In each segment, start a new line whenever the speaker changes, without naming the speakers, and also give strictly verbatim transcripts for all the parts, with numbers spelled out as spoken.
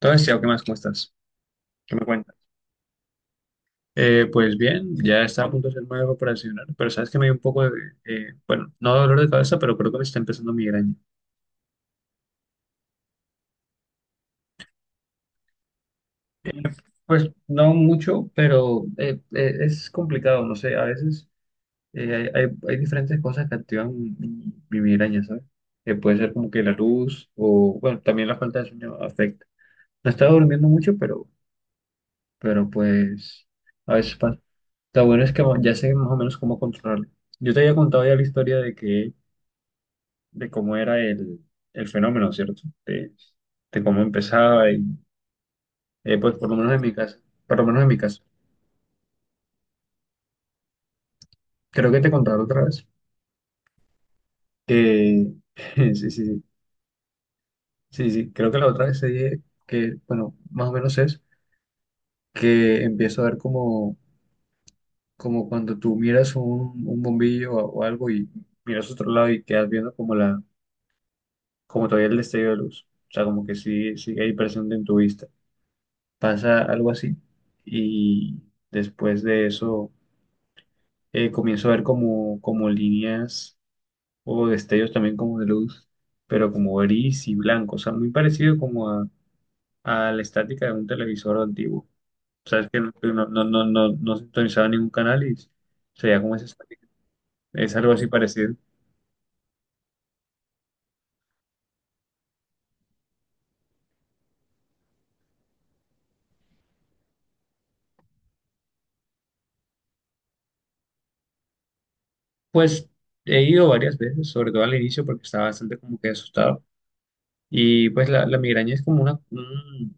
Entonces, Tiago, ¿qué más? ¿Cómo estás? ¿Qué me cuentas? Eh, pues bien, ya está a punto de ser nuevo operacional, pero sabes que me dio un poco de, eh, bueno, no dolor de cabeza, pero creo que me está empezando migraña. Pues no mucho, pero eh, eh, es complicado, no sé, a veces eh, hay, hay- hay diferentes cosas que activan mi, mi migraña, ¿sabes? Eh, puede ser como que la luz o, bueno, también la falta de sueño afecta. No estaba durmiendo mucho, pero, pero pues a veces pasa. Lo bueno es que ya sé más o menos cómo controlarlo. Yo te había contado ya la historia de que de cómo era el, el fenómeno, ¿cierto? De, de cómo empezaba y, eh, pues por lo menos en mi casa, por lo menos en mi casa. Creo que te contaron otra vez que, sí, sí, sí, sí, sí, creo que la otra vez te dije que, bueno, más o menos es que empiezo a ver como, como cuando tú miras un, un bombillo o, o algo y miras otro lado y quedas viendo como la, como todavía el destello de luz. O sea, como que sí, sigue ahí presente en tu vista. Pasa algo así y después de eso eh, comienzo a ver como, como líneas o destellos también como de luz, pero como gris y blanco, o sea, muy parecido como a, a la estática de un televisor antiguo. O sea, es que no, no, no, no, no, no no sintonizaba ningún canal y sería como esa estática. Es algo así parecido. Pues he ido varias veces, sobre todo al inicio porque estaba bastante como que asustado. Y pues la, la migraña es como una, un,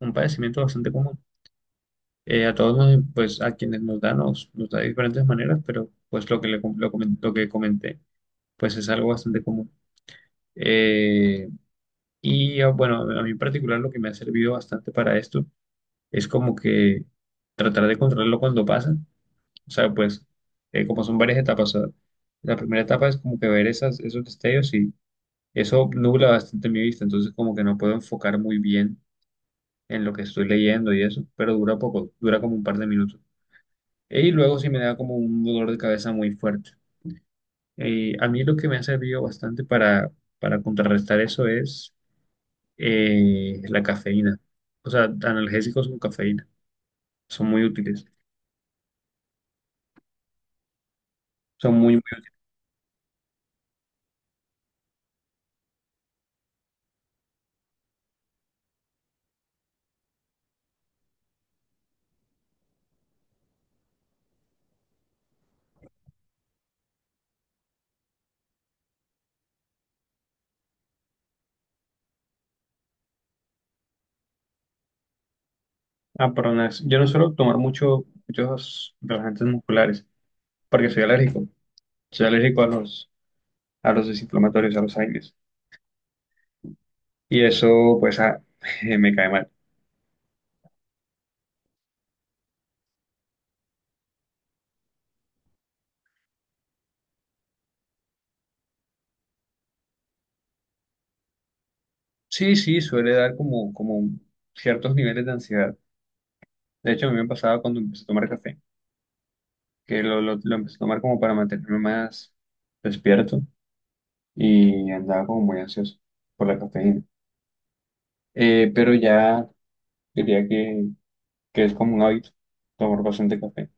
un padecimiento bastante común. Eh, a todos, nos- pues a quienes nos da, nos, nos da de diferentes maneras, pero pues lo que, le, com- lo, comen- lo que comenté, pues es algo bastante común. Eh, y ah, bueno, a mí en particular lo que me ha servido bastante para esto es como que tratar de controlarlo cuando pasa. O sea, pues eh, como son varias etapas, o sea, la primera etapa es como que ver esas, esos destellos y eso nubla bastante mi vista, entonces como que no puedo enfocar muy bien en lo que estoy leyendo y eso, pero dura poco, dura como un par de minutos. Y luego sí me da como un dolor de cabeza muy fuerte. Eh, a mí lo que me ha servido bastante para, para contrarrestar eso es eh, la cafeína. O sea, analgésicos con cafeína. Son muy útiles. Son muy, muy... Ah, perdón, es- yo no suelo tomar mucho, muchos relajantes musculares porque soy alérgico. Soy alérgico a los, a los desinflamatorios, a los aires. Y eso, pues, ah, me cae mal. Sí, sí, suele dar como, como ciertos niveles de ansiedad. De hecho, a mí me pasaba cuando empecé a tomar café, que lo, lo, lo empecé a tomar como para mantenerme más despierto y andaba como muy ansioso por la cafeína. Eh, pero ya diría que, que es como un hábito tomar bastante café.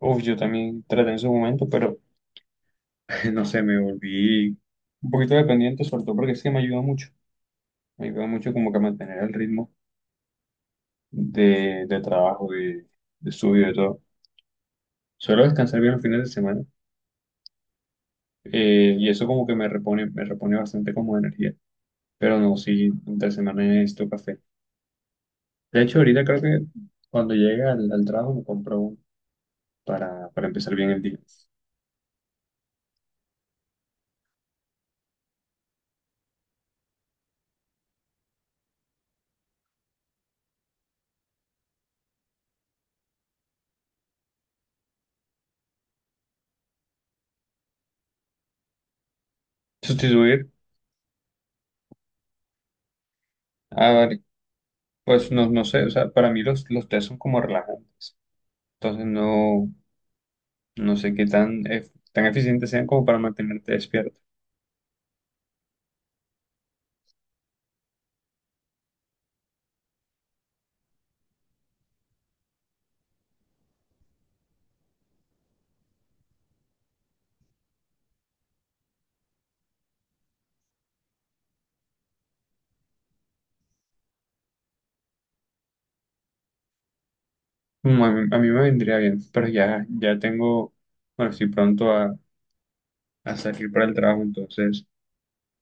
Uf, yo también traté en su momento, pero no sé, me volví un poquito dependiente, sobre todo porque es que me ayuda mucho. Me ayuda mucho como que a mantener el ritmo de, de trabajo, de, de estudio, de todo. Suelo descansar bien los fines de semana eh, y eso como que me repone, me repone bastante como de energía. Pero no, sí, entre semana necesito café. De hecho, ahorita creo que cuando llegue al, al trabajo me compro uno para, para empezar bien el día. Sustituir, a ver, pues no, no sé, o sea, para mí los, los tés son como relajantes. Entonces no, no sé qué tan, ef- tan eficientes sean como para mantenerte despierto. Mm, a mí, a mí me vendría bien, pero ya, ya tengo, bueno, estoy pronto a, a salir para el trabajo, entonces,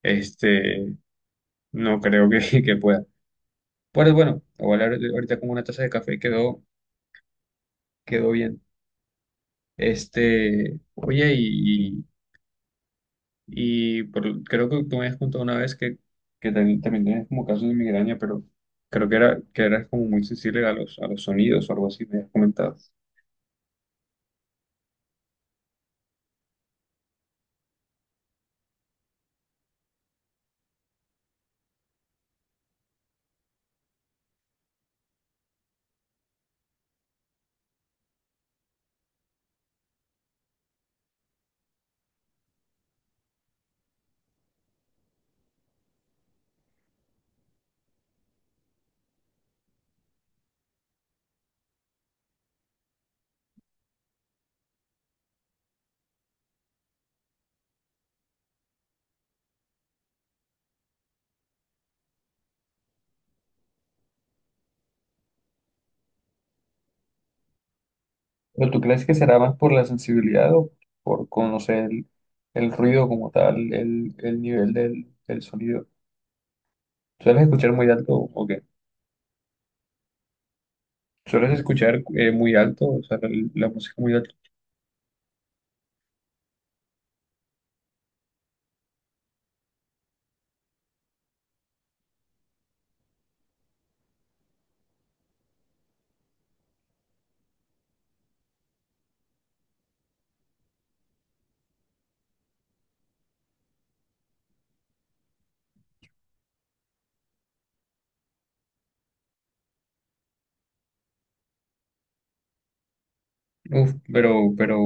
este, no creo que, que pueda. Pero bueno, igual ahor- ahorita con una taza de café quedó quedó bien. Este, oye, y, y por- creo que tú me habías contado una vez que, que también, también tienes como casos de migraña, pero creo que era, que eras como muy sensible a los, a los sonidos o algo así, me habías comentado. ¿Pero tú crees que será más por la sensibilidad o por conocer el, el ruido como tal, el, el nivel del, del sonido? ¿Sueles escuchar muy alto o qué? ¿Sueles escuchar eh, muy alto, o sea, la, la música muy alta? Uf, pero, pero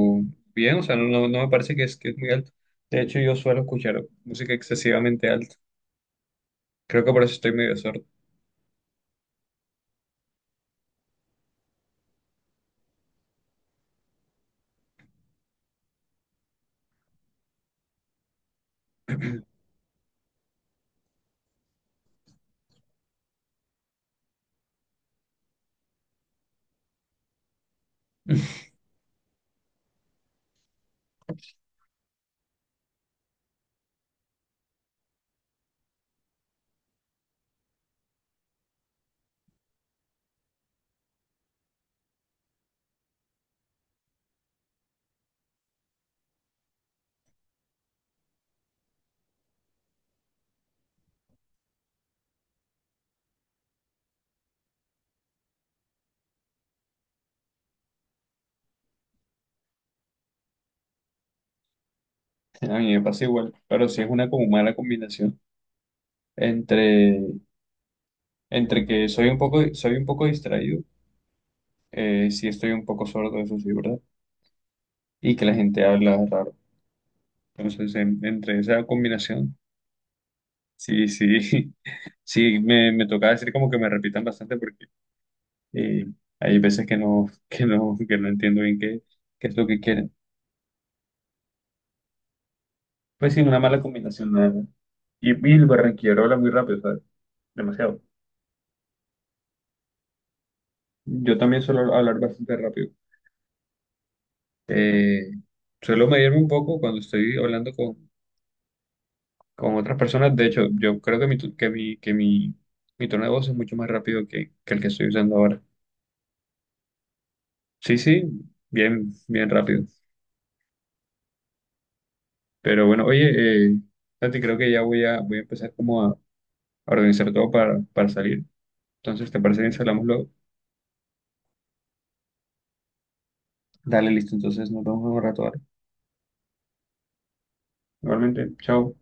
bien, o sea, no, no, no me parece que es, que es muy alto. De hecho, yo suelo escuchar música excesivamente alta. Creo que por eso estoy medio sordo. A mí me pasa igual, pero sí es una como mala combinación entre, entre que soy un poco, soy un poco distraído, eh, sí estoy un poco sordo, eso sí, ¿verdad? Y que la gente habla raro. Entonces, en- entre esa combinación, sí, sí, sí, me, me toca decir como que me repitan bastante. Y hay veces que no, que no, que no entiendo bien qué, qué es lo que quieren. Pues sí, una mala combinación, nada más. Y, y el barranquillero habla muy rápido, ¿sabes? Demasiado. Yo también suelo hablar bastante rápido. Eh, suelo medirme un poco cuando estoy hablando con, con otras personas. De hecho, yo creo que mi, tu- que mi, que mi, mi tono de voz es mucho más rápido que, que el que estoy usando ahora. Sí, sí, bien, bien rápido. Pero bueno, oye, eh, Santi, creo que ya voy a, voy a empezar como a, a organizar todo para, para salir. Entonces, ¿te parece bien si hablamos luego? Dale, listo. Entonces nos vemos en un rato, ¿vale? Igualmente, chao.